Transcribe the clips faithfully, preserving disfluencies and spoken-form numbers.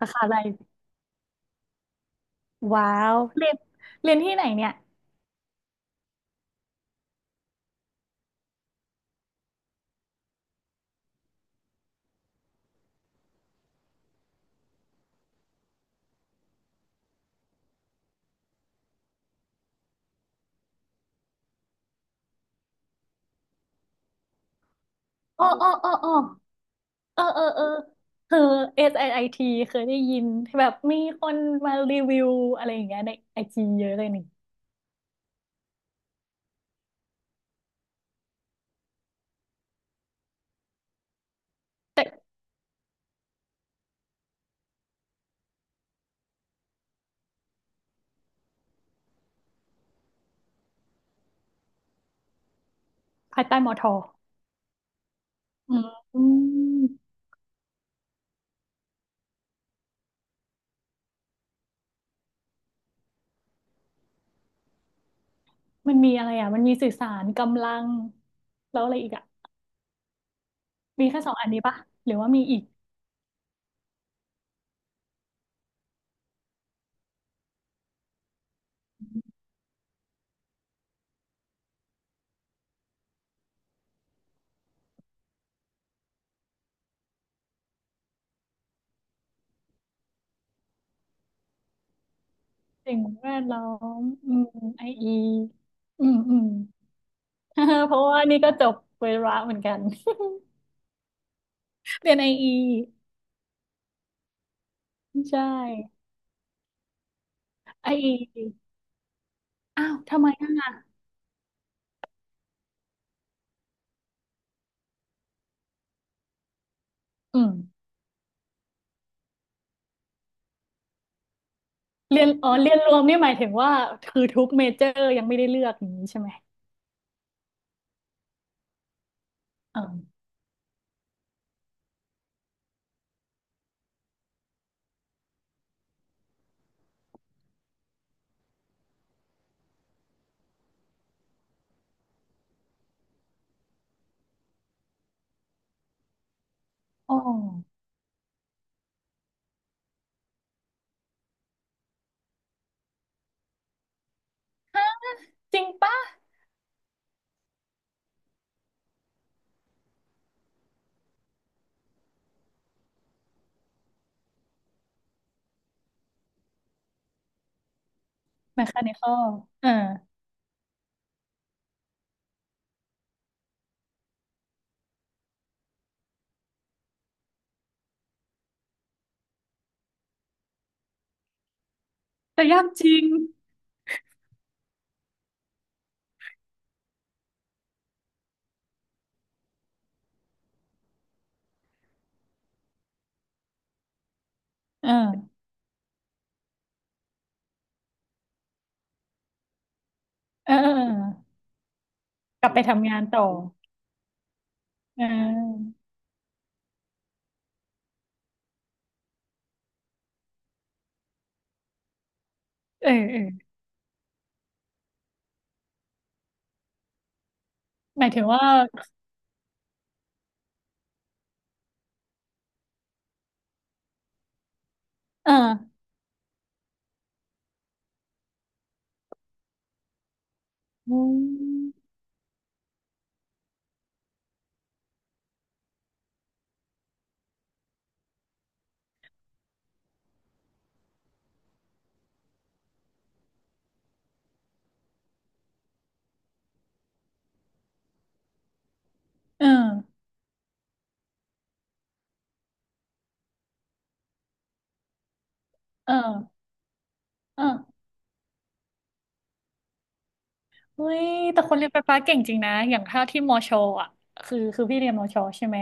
สาขาอะไรว้าวเรียนเรียนที่ไหนเนี่ยอ๋ออ๋ออ๋ออ๋อเออเออเออคือ s i t เคยได้ยินแบบมีคนมารีวิวอะไรอย่างเงี้ยในไอจีเยอะเลยนี่แต่ภายใต้มอทออืมอืมมันมีอะไรอ่ะ มันมีสื่อสารกำลังแล้วอะไรอีกอ่ะ มีแค่สองอันนี้ปะ หรือว่ามีอีกสิ่งแวดล้อมอืมไออีอืม อืม เพราะว่านี่ก็จบเวระเหมือนกัน เรียนไออีใช่ ไออ้าวทำไมอ่ะอืมเรียนอ๋อเรียนรวมนี่หมายถึงว่าคือทุกเมเจอร์ยังไม่ได้เลือกอย่างนี้ใช่ไหมอ๋ออ๋อฮะจริงปะแมคานิคอลเออแต่ยากจริงเออเออเออเออกลับไปทำงานต่อเออเออเออหมายถึงว่าเอออืมเออเออเออ เฮ้ยแต่คนเรียนไฟฟ้าเก่งจริงนะ อย่างถ้าที่มอชออ่ะคือคือพี่เรียนมอชอใช่ไหม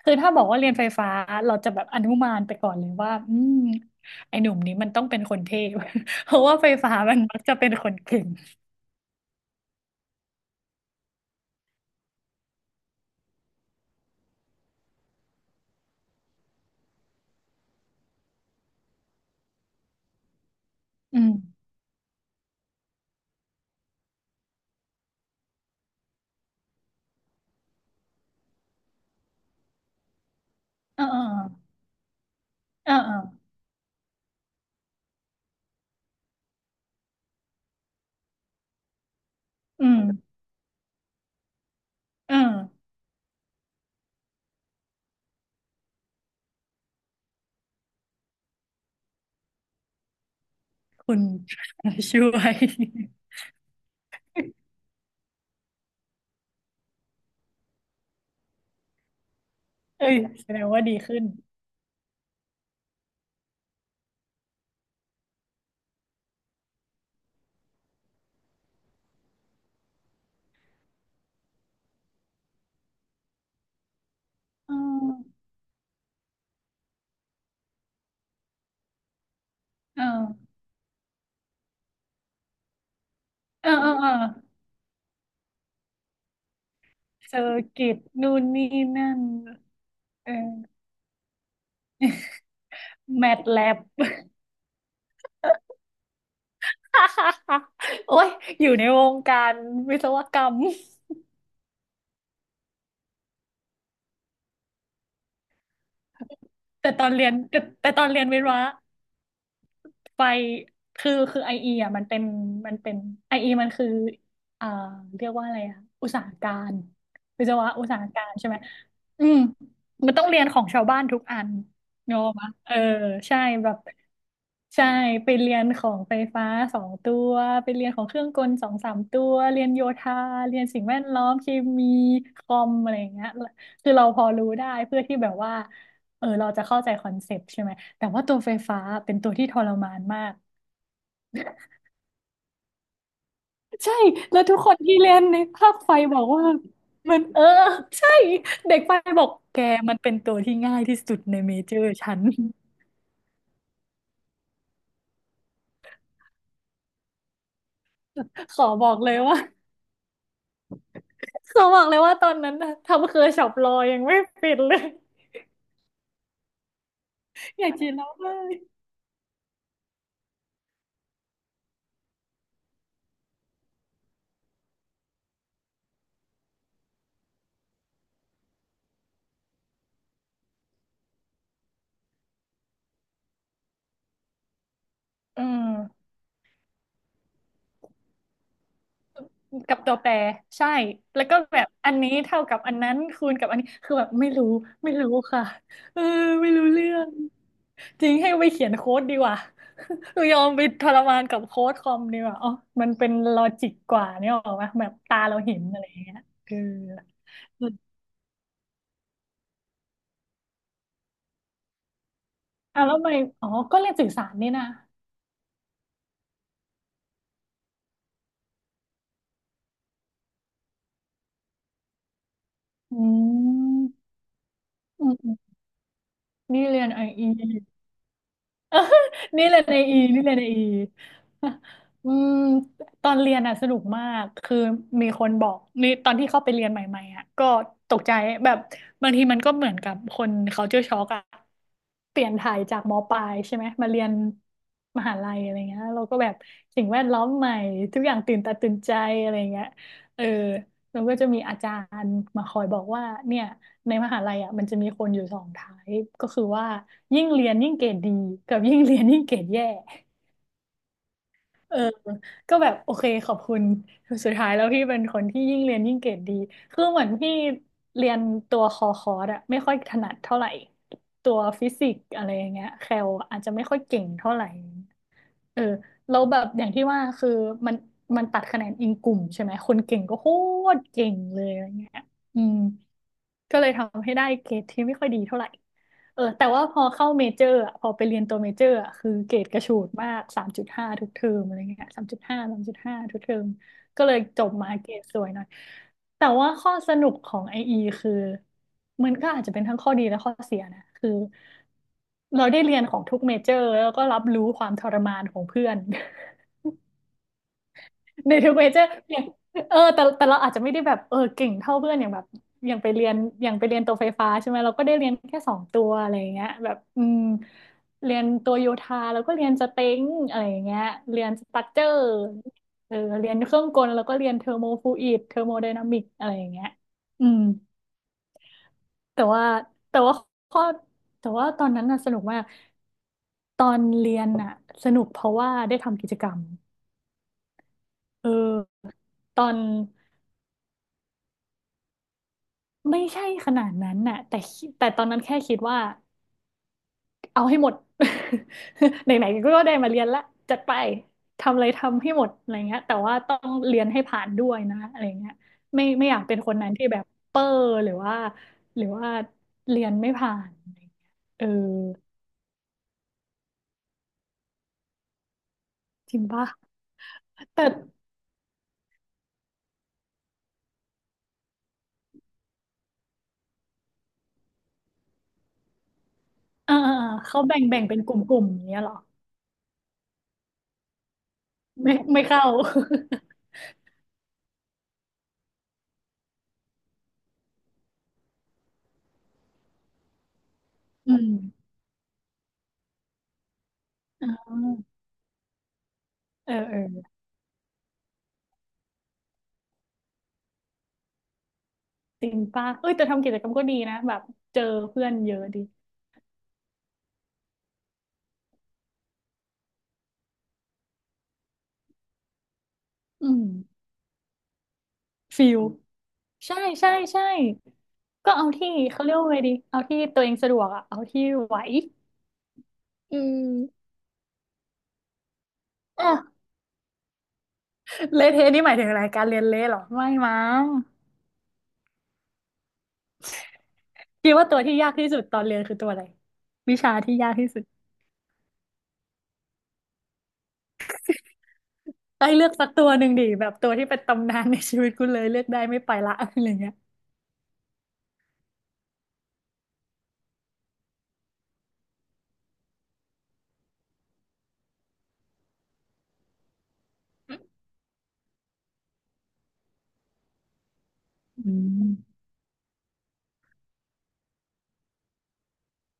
คือถ้าบอกว่าเรียนไฟฟ้าเราจะแบบอนุมานไปก่อนเลยว่าอืมไอ้หนุ่มนี้มันต้องเป็นคนเทพ เพราะว่าไฟฟ้ามันมักจะเป็นคนเก่งอืมเออเออเออเอออืมเออคุณ ช่วย เอ้ยแสดงว่าดีขึ้นเออเออเออเออเออเซอร์กิตนู่นนี่นั่นเออแมทแลบ โอ้ยอยู่ในวงการวิศวกรรม แต่ตอนเรียนแต่แต่ตอนเรียนวิศวะ ไฟคือคือไอเอ่ะมันเป็นมันเป็นไอเอมันคืออ่าเรียกว่าอะไรอะอุตสาหการวิศวะอุตสาหการใช่ไหมอืมมันต้องเรียนของชาวบ้านทุกอันเนกอะปะเออใช่แบบใช่ไปเรียนของไฟฟ้าสองตัวไปเรียนของเครื่องกลสองสามตัวเรียนโยธาเรียนสิ่งแวดล้อมเคมีคอมอะไรอย่างเงี้ยคือเราพอรู้ได้เพื่อที่แบบว่าเออเราจะเข้าใจคอนเซปต์ใช่ไหม แต่ว่าตัวไฟฟ้าเป็นตัวที่ทรมานมากใช่แล้วทุกคนที่เล่นในภาคไฟบอกว่ามันเออใช่เด็กไฟบอกแกมันเป็นตัวที่ง่ายที่สุดในเมเจอร์ฉัน ขอบอกเลยว่าขอบอกเลยว่าตอนนั้นนะทำเคอร์ช็อปรอยังไม่ปิดเลย อยากกินแล้วเลยอืม กับตัวแปรใช่แล้วก็แบบอันนี้เท่ากับอันนั้นคูณกับอันนี้คือแบบไม่รู้ไม่รู้ค่ะเออไม่รู้เรื่องจริงให้ไปเขียนโค้ดดีกว่า หนูยอมไปทรมานกับโค้ดคอมดีกว่าอ๋อมันเป็นลอจิกกว่าเนี่ยหรอวะแบบตาเราเห็นอะไรอย่างเงี้ยเอออ่ะแล้วไปอ๋อก็เรียนสื่อสารนี่นะอืมอืมอืมนี่เรียนไอ นี่เลยในอีนี่เลยในอี อืมตอนเรียนอ่ะสนุกมากคือมีคนบอกนี่ตอนที่เข้าไปเรียนใหม่ๆอ่ะก็ตกใจแบบบางทีมันก็เหมือนกับคน culture shock อ่ะเปลี่ยนถ่ายจากมปลายใช่ไหมมาเรียนมหาลัยอะไรเงี้ยเราก็แบบสิ่งแวดล้อมใหม่ทุกอย่างตื่นตาตื่นใจอะไรเงี้ยเออ แล้วก็จะมีอาจารย์มาคอยบอกว่าเนี่ยในมหาลัยอ่ะมันจะมีคนอยู่สองไทป์ก็คือว่ายิ่งเรียนยิ่งเกรดดีกับยิ่งเรียนยิ่งเกรดแย่เออก็แบบโอเคขอบคุณสุดท้ายแล้วพี่เป็นคนที่ยิ่งเรียนยิ่งเกรดดีคือเหมือนพี่เรียนตัวคอคอร์สอะไม่ค่อยถนัดเท่าไหร่ตัวฟิสิกส์อะไรอย่างเงี้ยแคลอาจจะไม่ค่อยเก่งเท่าไหร่ เออแล้วแบบอย่างที่ว่าคือมันมันตัดคะแนนอิงกลุ่มใช่ไหมคนเก่งก็โคตรเก่งเลยอะไรเงี้ยอืม ก็เลยทำให้ได้เกรดที่ไม่ค่อยดีเท่าไหร่เออแต่ว่าพอเข้าเมเจอร์อะพอไปเรียนตัวเมเจอร์อะคือเกรดกระฉูดมากสามจุดห้าทุกเทอมอะไรเงี้ยสามจุดห้าสามจุดห้าทุกเทอม ก็เลยจบมาเกรดสวยหน่อย แต่ว่าข้อสนุกของไออีคือมันก็อาจจะเป็นทั้งข้อดีและข้อเสียนะ คือเราได้เรียนของทุกเมเจอร์แล้วก็รับรู้ความทรมานของเพื่อน ในทุกเมเจอร์อย่างเออแต่แต่เราอาจจะไม่ได้แบบเออเก่งเท่าเพื่อนอย่างแบบอย่างไปเรียนอย่างไปเรียนตัวไฟฟ้าใช่ไหมเราก็ได้เรียนแค่สองตัวอะไรอย่างเงี้ยแบบอืมเรียนตัวโยธาแล้วก็เรียนสเต็งอะไรอย่างเงี้ยเรียนสตรัคเจอร์เออเรียนเครื่องกลแล้วก็เรียนเทอร์โมฟลูอิดเทอร์โมไดนามิกอะไรอย่างเงี้ยอืมแต่ว่าแต่ว่าข้อแต่ว่าตอนนั้นน่ะสนุกมากตอนเรียนน่ะสนุกเพราะว่าได้ทำกิจกรรมเออตอน ไม่ใช่ขนาดนั้นน่ะแต่คิแต่ตอนนั้นแค่คิดว่าเอาให้หมด ไหนๆก็ได้มาเรียนละจัดไปทำอะไรทำให้หมดอะไรเงี้ยแต่ว่าต้องเรียนให้ผ่านด้วยนะอะไรเงี้ยไม่ไม่อยากเป็นคนนั้นที่แบบเปอร์หรือว่าหรือว่าเรียนไม่ผ่านอะไรเงี้ยเออจริงปะแต่เออเออเออเขาแบ่งแบ่งเป็นกลุ่มๆอย่างเงี้ยเหรอไม่ไม่เข้า อืมอ่เออเออจริงป่ะเอ้ยแต่ทำกิจกรรมก็ดีนะแบบเจอเพื่อนเยอะดี อืมฟิลใช่ใช่ใช่ก็เอาที่เขาเรียกว่าไงดีเอาที่ตัวเองสะดวกอะเอาที่ไหวอืมอ่ะเละเทะนี่หมายถึงอะไรการเรียนเละเหรอไม่มั้งคิดว่าตัวที่ยากที่สุดตอนเรียนคือตัวอะไรวิชาที่ยากที่สุดไอ้ยเลือกสักตัวหนึ่งดิแบบตัวที่เป็นตำนานในชีวิตกูเลยเลือกได้ไม่ไปละอะไรเงี้ยอืม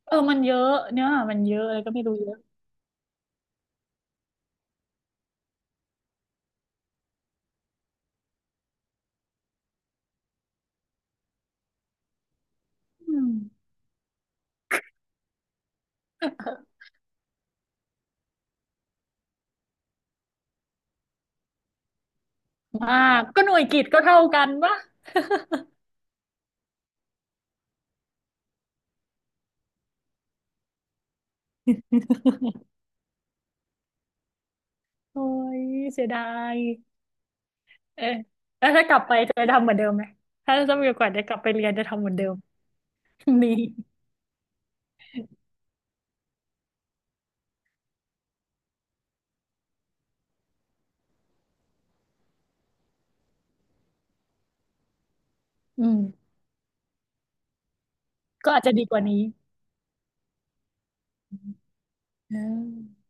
เออมันเยอะเนื้อหามันเยอะอะไรก็ไม่รู้เยอะอืมมากก็หน่วยกิตก็เท่ากันปะ โอ้ยเสียดาย เออแล้วถ้ากลับไปจะทำเหมือนเดิมไหม ถ้าจะมีโอกาสได้กลับไปเรียนจะทำเหมือนเดิม นี่อืมก็อาจจะดีกว่านี้อ่า